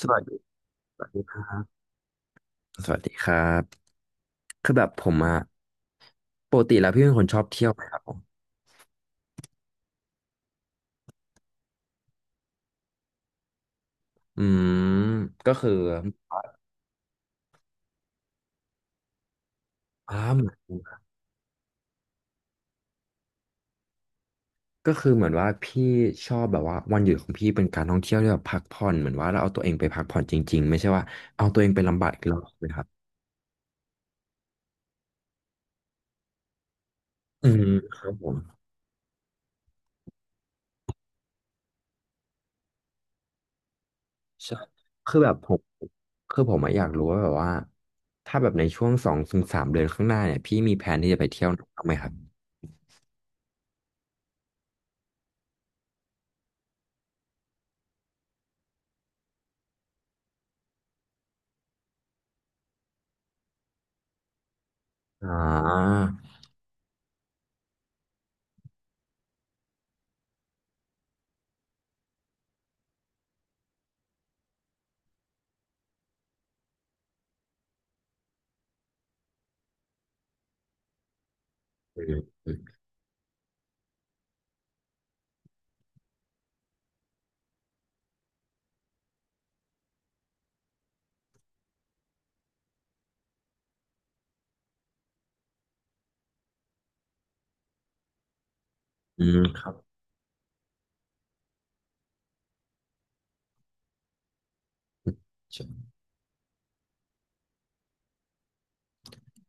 สวัสดีสวัสดีครับสวัสดีครับคือแบบผมอะปกติแล้วพี่เป็นคนชอบเที่ยวไหมครับผมอืมก็คืออ้าวเหมือนก็คือเหมือนว่าพี่ชอบแบบว่าวันหยุดของพี่เป็นการท่องเที่ยวที่แบบพักผ่อนเหมือนว่าเราเอาตัวเองไปพักผ่อนจริงๆไม่ใช่ว่าเอาตัวเองไปลำบากอีกรอบนะครับอืมครับผมใช่คือแบบผมคือผมอะอยากรู้ว่าแบบว่าถ้าแบบในช่วง2 ถึง 3เดือนข้างหน้าเนี่ยพี่มีแผนที่จะไปเที่ยวไหนบ้างไหมครับอ่าอืมอืมอืมครับ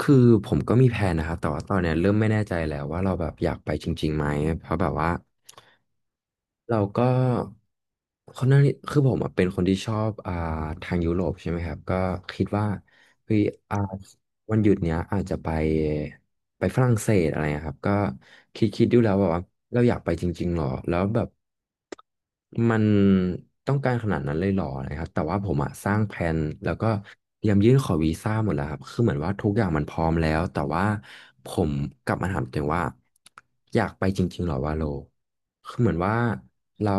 คือผมก็มีแผนนะครับแต่ว่าตอนเนี้ยเริ่มไม่แน่ใจแล้วว่าเราแบบอยากไปจริงๆไหมเพราะแบบว่าเราก็คนนั้นคือผมอะเป็นคนที่ชอบทางยุโรปใช่ไหมครับก็คิดว่าเฮ้ยอ่าวันหยุดเนี้ยอาจจะไปไปฝรั่งเศสอะไรอะครับก็คิดดูแล้วแบบว่าเราอยากไปจริงๆหรอแล้วแบบ มันต้องการขนาดนั้นเลยเหรอนะครับแต่ว่าผมอะสร้างแผนแล้วก็เตรียมยื่นขอวีซ่าหมดแล้วครับคือเหมือนว่าทุกอย่างมันพร้อมแล้วแต่ว่าผมกลับมาถามตัวเองว่าอยากไปจริงๆเหรอวาโลคือเหมือนว่าเรา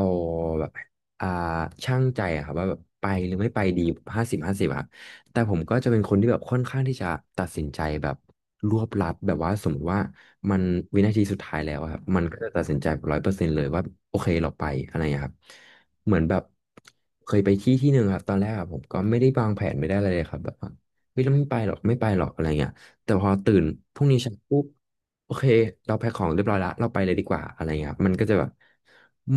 แบบอ่าช่างใจอะครับว่าแบบไปหรือไม่ไปดี50 50อะ แต่ผมก็จะเป็นคนที่แบบค่อนข้างที่จะตัดสินใจแบบรวบลัดแบบว่าสมมติว่ามันวินาทีสุดท้ายแล้วอะครับมันก็จะตัดสินใจ100%เลยว่าโอเคเราไปอะไรอย่างเงี้ยครับเหมือนแบบเคยไปที่ที่หนึ่งครับตอนแรกอะผมก็ไม่ได้วางแผนไม่ได้อะไรเลยครับแบบว่าเฮ้ยเราไม่ไปหรอกไม่ไปหรอกอะไรเงี้ย แต่พอตื่นพรุ่งนี้เช้าปุ๊บโอเคเราแพ็คของเรียบร้อยละเราไปเลยดีกว่าอะไรเงี้ยครับมันก็จะแบบ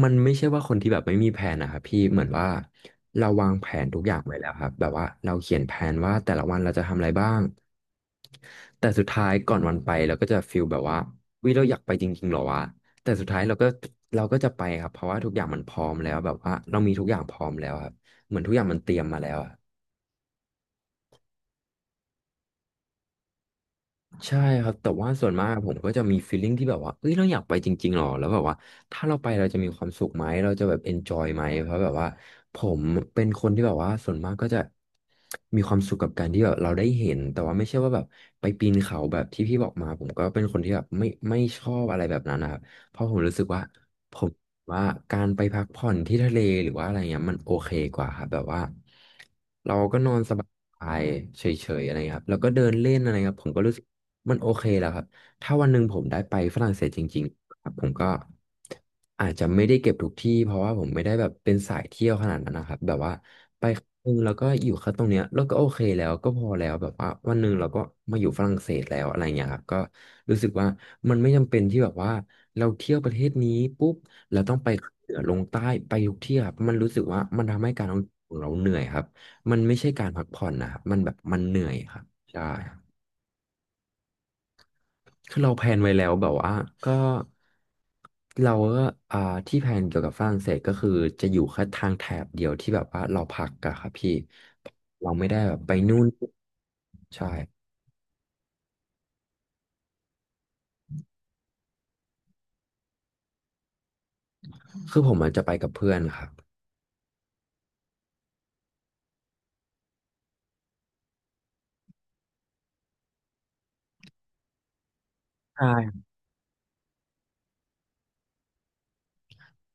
มันไม่ใช่ว่าคนที่แบบไม่มีแผนนะครับพี่เหมือนว่าเราวางแผนทุกอย่างไว้แล้วครับแบบว่าเราเขียนแผนว่าแต่ละวันเราจะทำอะไรบ้างแต่สุดท้ายก่อนวันไปเราก็จะฟีลแบบว่าวิเราอยากไปจริงๆเหรอวะแต่สุดท้ายเราก็จะไปครับเพราะว่าทุกอย่างมันพร้อมแล้วแบบว่าเรามีทุกอย่างพร้อมแล้วครับเหมือนทุกอย่างมันเตรียมมาแล้วอะ ใช่ครับ แต่ว่าส่วนมากผมก็จะมี feeling ที่แบบว่าเอ้ยเราอยากไปจริงๆหรอแล้วแบบว่าถ้าเราไปเราจะมีความสุขไหมเราจะแบบ enjoy ไหมเพราะแบบว่าผมเป็นคนที่แบบว่าส่วนมากก็จะมีความสุขกับการที่แบบเราได้เห็นแต่ว่าไม่ใช่ว่าแบบไปปีนเขาแบบที่พี่บอกมาผมก็เป็นคนที่แบบไม่ชอบอะไรแบบนั้นนะครับเพราะผมรู้สึกว่าผมว่าการไปพักผ่อนที่ทะเลหรือว่าอะไรเงี้ยมันโอเคกว่าครับแบบว่าเราก็นอนสบายๆเฉยๆอะไรเงี้ยครับแล้วก็เดินเล่นอะไรครับผมก็รู้สึก มันโอเคแล้วครับถ้าวันหนึ่งผมได้ไปฝรั่งเศสจริงๆครับผมก็อาจจะไม่ได้เก็บทุกที่เพราะว่าผมไม่ได้แบบเป็นสายเที่ยวขนาดนั้นนะครับแบบว่าไปครั้งหนึงแล้วก็อยู่แค่ตรงเนี้ยแล้วก็โอเคแล้วก็พอแล้วแบบว่าวันหนึ่งเราก็มาอยู่ฝรั่งเศสแล้วอะไรเงี้ยครับก็รู้สึกว่ามันไม่จำเป็นที่แบบว่าเราเที่ยวประเทศนี้ปุ๊บเราต้องไปเหนือลงใต้ไปทุกที่ครับมันรู้สึกว่ามันทำให้การท่องเที่ยวของเราเหนื่อยครับมันไม่ใช่การพักผ่อนนะครับมันแบบมันเหนื่อยครับใช่ คือเราแพลนไว้แล้วแบบว่าก็เราก็อ่าที่แพลนเกี่ยวกับฝรั่งเศสก็คือจะอยู่แค่ทางแถบเดียวที่แบบว่าเราพักอะครับพี่เราไม่ได้แบบไปนู่นใช่คือผมอาจจะไปกับเพื่อนครับใช่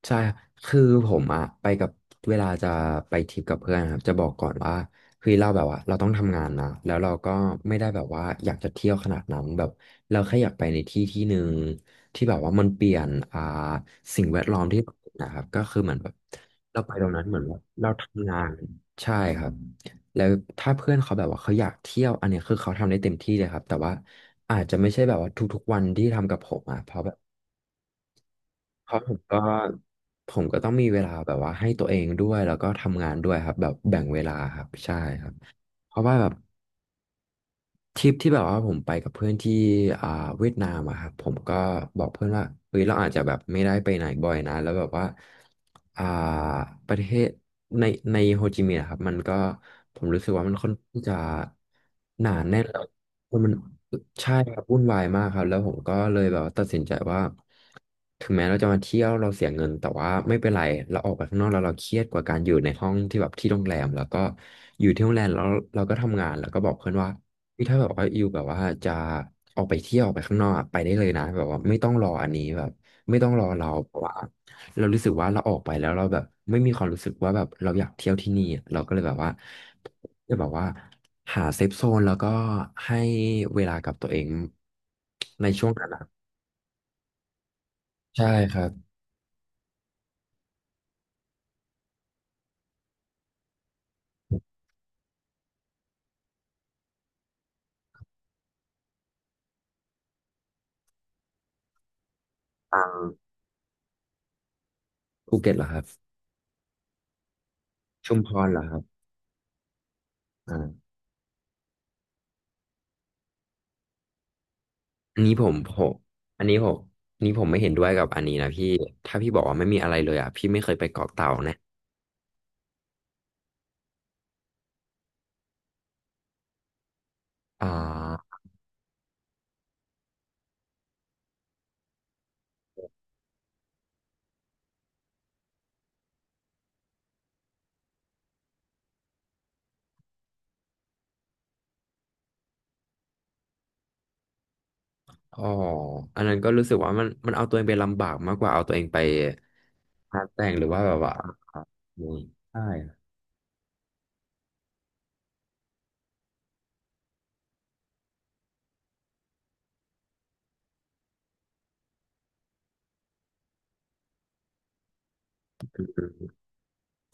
ใช่ครับคือผมอะไปกับเวลาจะไปทริปกับเพื่อนครับจะบอกก่อนว่าเฮ้ยเราแบบว่าเราต้องทำงานนะแล้วเราก็ไม่ได้แบบว่าอยากจะเที่ยวขนาดนั้นแบบเราแค่อยากไปในที่ที่หนึ่งที่แบบว่ามันเปลี่ยนสิ่งแวดล้อมที่เราอยู่นะครับก็คือเหมือนแบบเราไปตรงนั้นเหมือนว่าเราทำงานใช่ครับแล้วถ้าเพื่อนเขาแบบว่าเขาอยากเที่ยวอันเนี้ยคือเขาทำได้เต็มที่เลยครับแต่ว่าอาจจะไม่ใช่แบบว่าทุกๆวันที่ทำกับผมอะเพราะแบบ เพราะผมก็ต้องมีเวลาแบบว่าให้ตัวเองด้วยแล้วก็ทำงานด้วยครับแบบแบ่งเวลาครับใช่ครับเพราะว่าแบบ ทริปที่แบบว่าผมไปกับเพื่อนที่อ่าเวียดนามอะครับผมก็บอกเพื่อนว่าเฮ้ยเราอาจจะแบบไม่ได้ไปไหนบ่อยนะแล้วแบบว่าอ่าประเทศในในโฮจิมินห์อะครับมันก็ผมรู้สึกว่ามันค่อนข้างจะหนาแน่นแล้วมันใช่ครับวุ่นวายมากครับแล้วผมก็เลยแบบว่าตัดสินใจว่าถึงแม้เราจะมาเที่ยวเราเสียเงินแต่ว่าไม่เป็นไรเราออกไปข้างนอกแล้วเราเครียดกว่าการอยู่ในห้องที่แบบที่โรงแรมแล้วก็อยู่ที่โรงแรมแล้วเราก็ทำงานแล้วก็บอกเพื่อนว่า คือถ้าแบบว่าอยู่แบบว่าจะออกไปเที่ยวออกไปข้างนอกอะไปได้เลยนะแบบว่าไม่ต้องรออันนี้แบบไม่ต้องรอเราเพราะว่าเรารู้สึกว่าเราออกไปแล้วเราแบบไม่มีความรู้สึกว่าแบบเราอยากเที่ยวที่นี่อะเราก็เลยแบบว่าจะแบบว่าหาเซฟโซนแล้วก็ให้เวลากับตัวเองในช่วงนั้นอะใช่ครับทางภูเก็ตเหรอครับชุมพรเหรอครับอ่าอันนี้ผมผมอันนี้ผมอันนี้ผมไม่เห็นด้วยกับอันนี้นะพี่ถ้าพี่บอกว่าไม่มีอะไรเลยอ่ะพี่ไม่เคยไปเกาะเต่าแน่ อ่าอ๋ออันนั้นก็รู้สึกว่ามันเอาตัวเองไปลำบากมากกว่าเอาตัวเองไปหานแต่งหรือว่าแบบว่าอืมใช่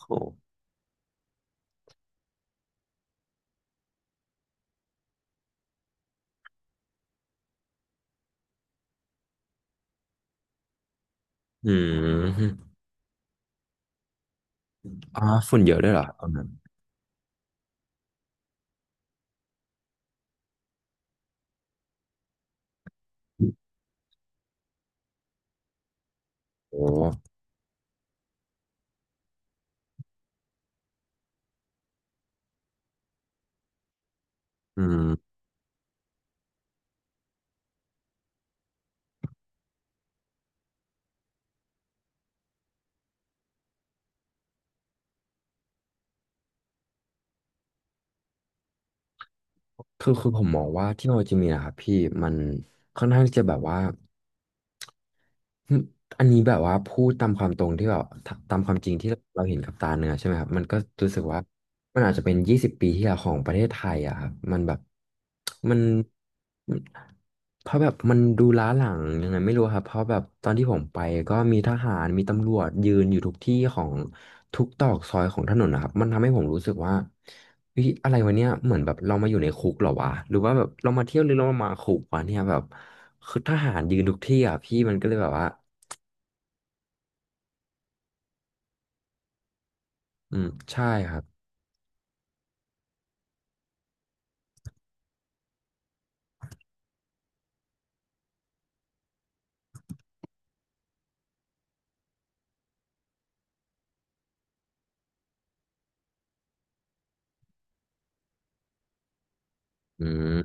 โอ้อืมอ่าฝุ่นเยอะด้วยเหรอตอนนั้นโอ้อืมคือผมมองว่าที่โนโลยีมีนะครับพี่มันค่อนข้างที่จะแบบว่า อืมอันนี้แบบว่าพูดตามความตรงที่แบบตามความจริงที่เราเห็นกับตาเนื้อใช่ไหมครับมันก็รู้สึกว่ามันอาจจะเป็น20 ปีที่แล้วของประเทศไทยอะครับมันแบบมันมันเพราะแบบมันดูล้าหลังยังไงไม่รู้ครับเพราะแบบตอนที่ผมไปก็มีทหารมีตำรวจยืนอยู่ทุกที่ของ ทุกตรอกซอยของถนนนะครับมันทำให้ผมรู้สึกว่าเฮ้ยอะไรวะเนี่ยเหมือนแบบเรามาอยู่ในคุกเหรอวะหรือว่าแบบเรามาเที่ยวหรือเรามาคุกวะเนี่ยแบบคือทหารยืนทุกที่อ่ะพี่มันก็เลยแบบว่าอืมใช่ครับอืม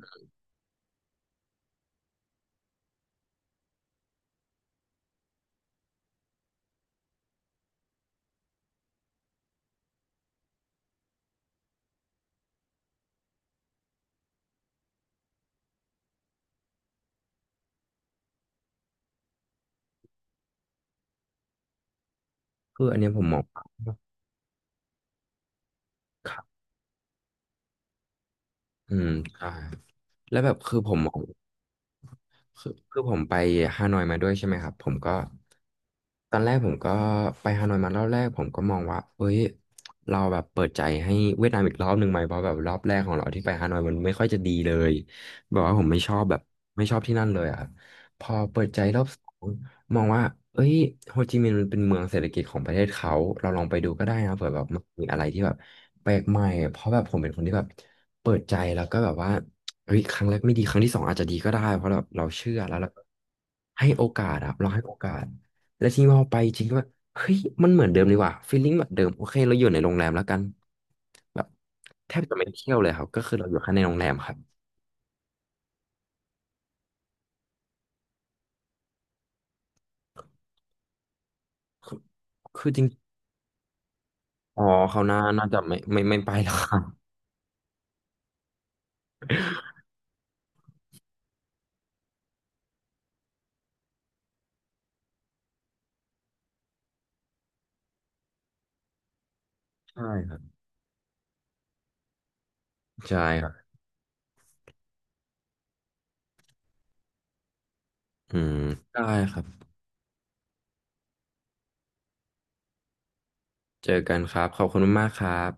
คืออันเนี้ยผมมองครับอืมใช่แล้วแบบคือผมมอง คือผมไปฮานอยมาด้วยใช่ไหมครับผมก็ตอนแรกผมก็ไปฮานอยมารอบแรกผมก็มองว่าเอ้ยเราแบบเปิดใจให้เวียดนามอีกรอบหนึ่งไหมเพราะแบบรอบแรกของเราที่ไปฮานอยมันไม่ค่อยจะดีเลยแบบว่าผมไม่ชอบแบบไม่ชอบที่นั่นเลยอะครับพอเปิดใจรอบสองมองว่าเอ้ยโฮจิมินห์มันเป็นเมืองเศรษฐกิจของประเทศเขาเราลองไปดูก็ได้นะเผื่อแบบมันมีอะไรที่แบบแปลกใหม่เพราะแบบผมเป็นคนที่แบบเปิดใจแล้วก็แบบว่า เฮ้ยครั้งแรกไม่ดีครั้งที่สองอาจจะดีก็ได้เพราะแบบเราเชื่อแล้วเราให้โอกาสอะเราให้โอกาสแล้วทีนี้พอไปจริงก็แบบเฮ้ยมันเหมือนเดิมดีกว่าฟีลลิ่งแบบเดิมโอเคเราอยู่ในโรงแรมแล้วกันแบบแทบจะไม่ได้เที่ยวเลยครับก็คือเราอยู่แค่ในโรงแรมครับคือคือจริงอ๋อเขาวหน่าน่าจะไม่ไปแล้วครับใช่ครับใช่ครับอืมได้ครับเจอกันครับขอบคุณมากๆครับ